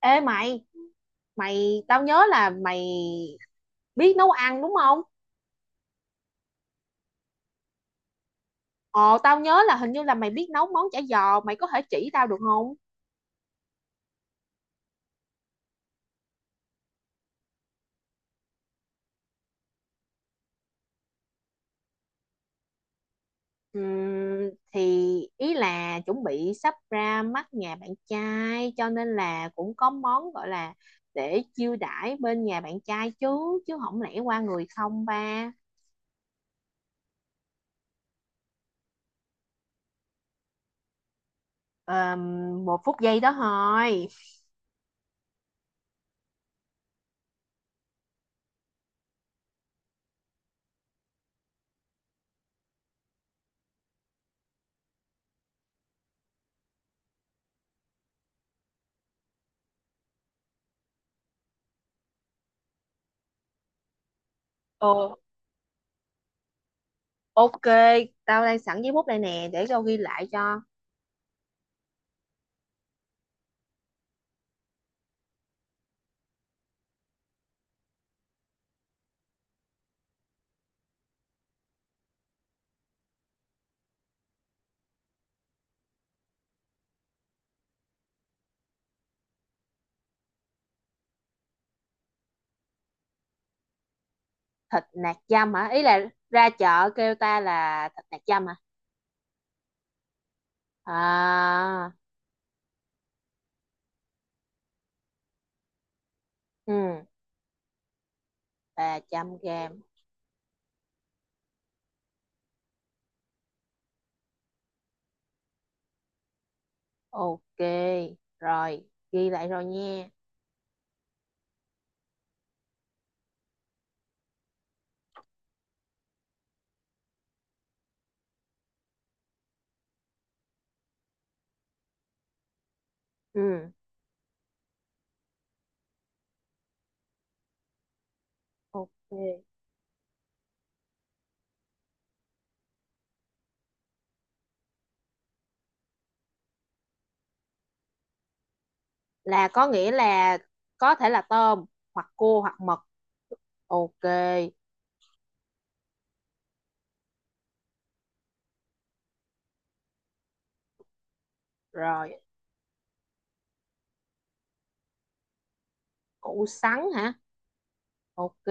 Ê mày, tao nhớ là mày biết nấu ăn đúng không? Ồ, tao nhớ là hình như là mày biết nấu món chả giò, mày có thể chỉ tao được không? Thì ý là chuẩn bị sắp ra mắt nhà bạn trai cho nên là cũng có món gọi là để chiêu đãi bên nhà bạn trai chứ chứ không lẽ qua người không ba. Ờm, Một phút giây đó thôi. Ồ, ok, tao đang sẵn giấy bút đây nè để tao ghi lại cho. Thịt nạc dăm hả? Ý là ra chợ kêu ta là thịt nạc dăm hả? À, ừ, 300 gram. Ok, rồi ghi lại rồi nha. Ừ, ok. Là có nghĩa là có thể là tôm hoặc cua hoặc mực. Ok, rồi. Củ sắn hả? Ok.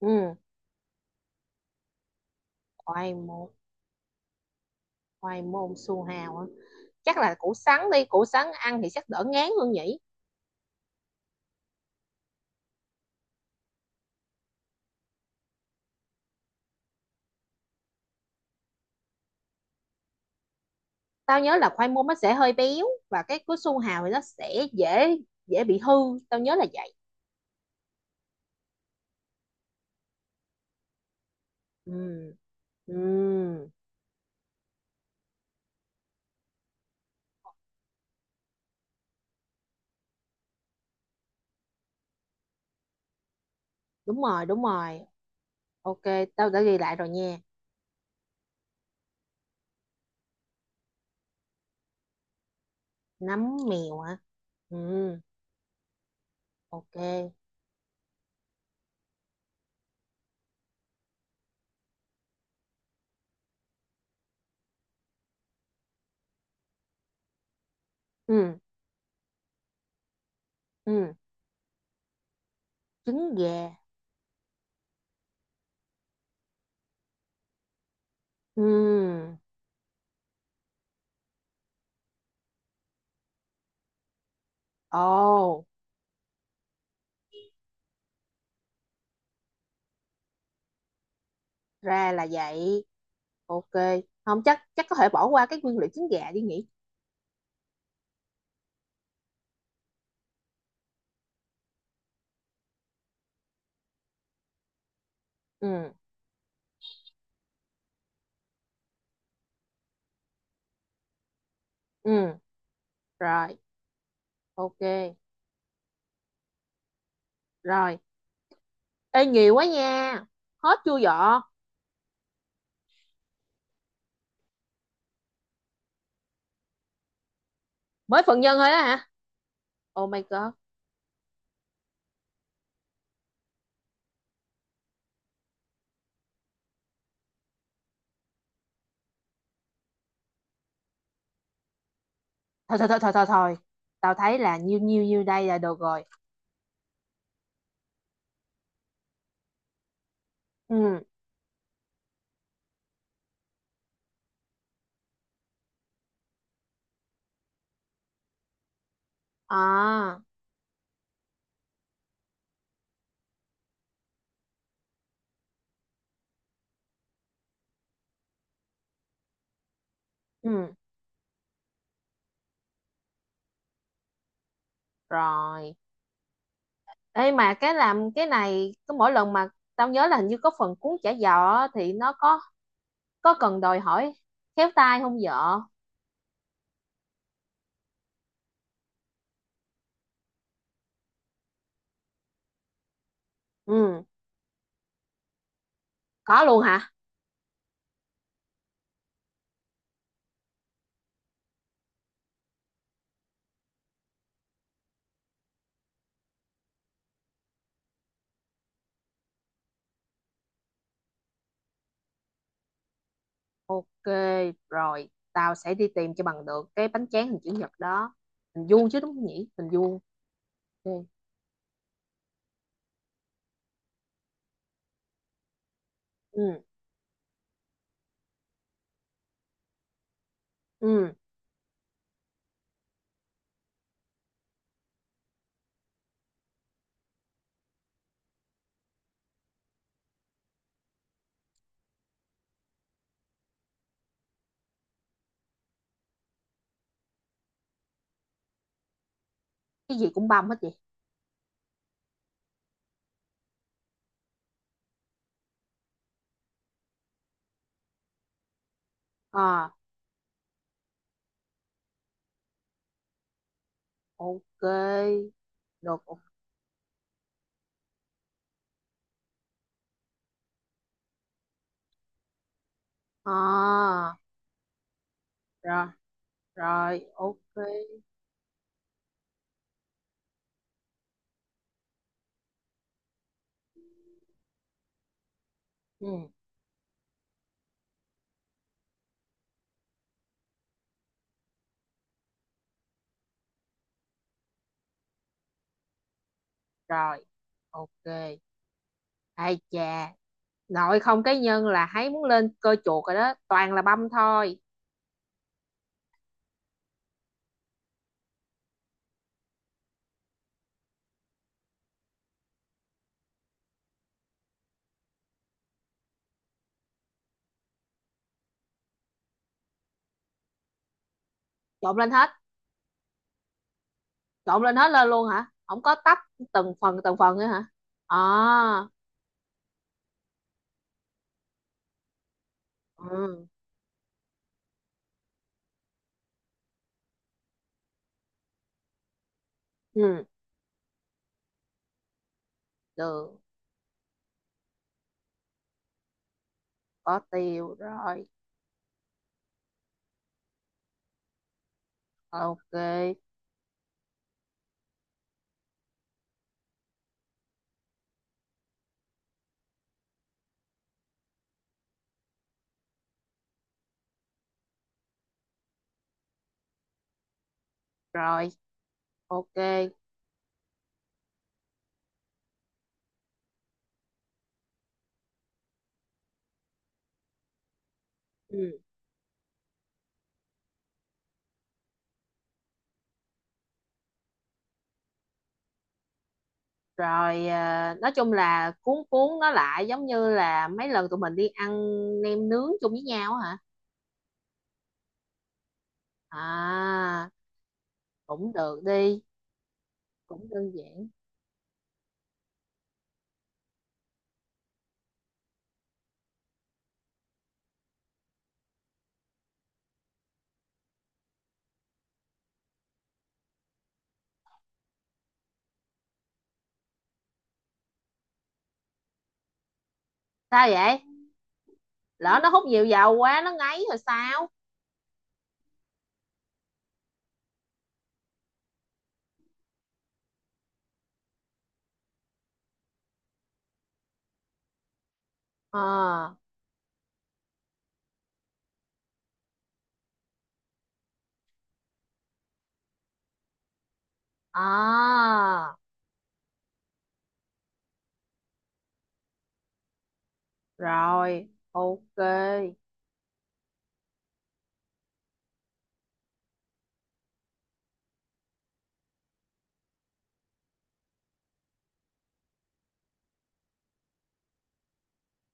Ừ. Khoai môn. Khoai môn su hào hả? Chắc là củ sắn đi, củ sắn ăn thì chắc đỡ ngán hơn nhỉ. Tao nhớ là khoai môn nó sẽ hơi béo và cái su hào thì nó sẽ dễ dễ bị hư. Tao nhớ là vậy. Ừ, ừ đúng rồi, đúng rồi. Ok, tao đã ghi lại rồi nha. Nấm mèo hả? Ừ, ok. Ừ, ừ. Trứng gà. Ừ. Ồ, ra là vậy. Ok, không chắc chắc có thể bỏ qua cái nguyên liệu trứng gà đi nhỉ. Ừ, ừ, rồi. Ok, rồi. Ê, nhiều quá nha. Hết chưa vợ? Mới phần nhân thôi đó hả? Oh my god. Thôi thôi thôi thôi thôi thôi, tao thấy là nhiêu nhiêu nhiêu đây là được rồi. Ừ. À, ừ, rồi. Ê, mà cái làm cái này cứ mỗi lần mà tao nhớ là hình như có phần cuốn chả giò á, thì nó có cần đòi hỏi khéo tay không vợ? Ừ, có luôn hả? Ok, rồi tao sẽ đi tìm cho bằng được cái bánh tráng hình chữ nhật đó. Hình vuông chứ đúng không nhỉ? Hình vuông. Ok. Ừ, ừ. Cái gì cũng băm hết vậy? Ờ, ok, được. À, rồi rồi. Ok. Ừ, rồi. Ok. Ai chà, nội không cái nhân là thấy muốn lên cơ chuột rồi đó, toàn là băm thôi. Trộn lên hết. Trộn lên hết lên luôn hả? Không có tách từng phần nữa hả? À, ừ. Ừ, được. Có tiêu rồi. Ok. Rồi. Ok. Ừ, rồi. À, nói chung là cuốn cuốn nó lại giống như là mấy lần tụi mình đi ăn nem nướng chung với nhau á hả? À, cũng được đi. Cũng đơn giản. Sao vậy? Lỡ nó hút nhiều dầu quá nó ngấy rồi sao? Ờ, à, rồi. Ok,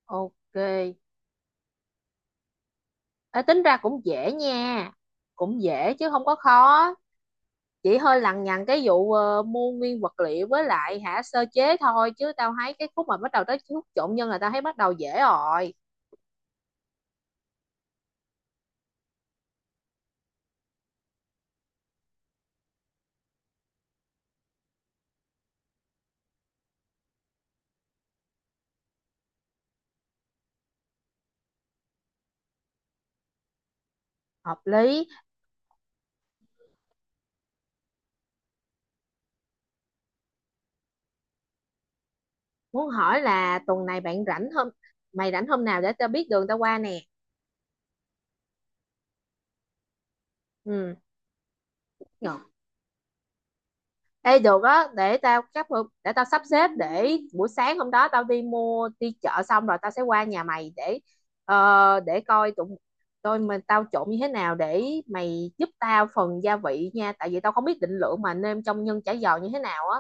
ok. Ê, tính ra cũng dễ nha. Cũng dễ chứ không có khó. Chị hơi lằng nhằng cái vụ mua nguyên vật liệu với lại hả sơ chế thôi, chứ tao thấy cái khúc mà bắt đầu tới khúc trộn nhân là tao thấy bắt đầu dễ rồi. Hợp lý. Muốn hỏi là tuần này bạn rảnh hôm mày rảnh hôm nào để tao biết đường tao qua nè. Ừ. Dạ. Ê được á, để tao sắp xếp để buổi sáng hôm đó tao đi mua đi chợ xong rồi tao sẽ qua nhà mày để coi tụi tôi mình tao trộn như thế nào để mày giúp tao phần gia vị nha tại vì tao không biết định lượng mà nêm trong nhân chả giò như thế nào á.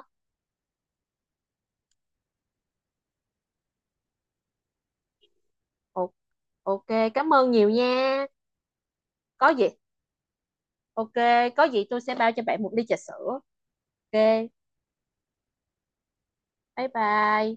Ồ, ok. Cảm ơn nhiều nha. Có gì, ok, có gì tôi sẽ bao cho bạn một ly trà sữa. Ok, bye bye.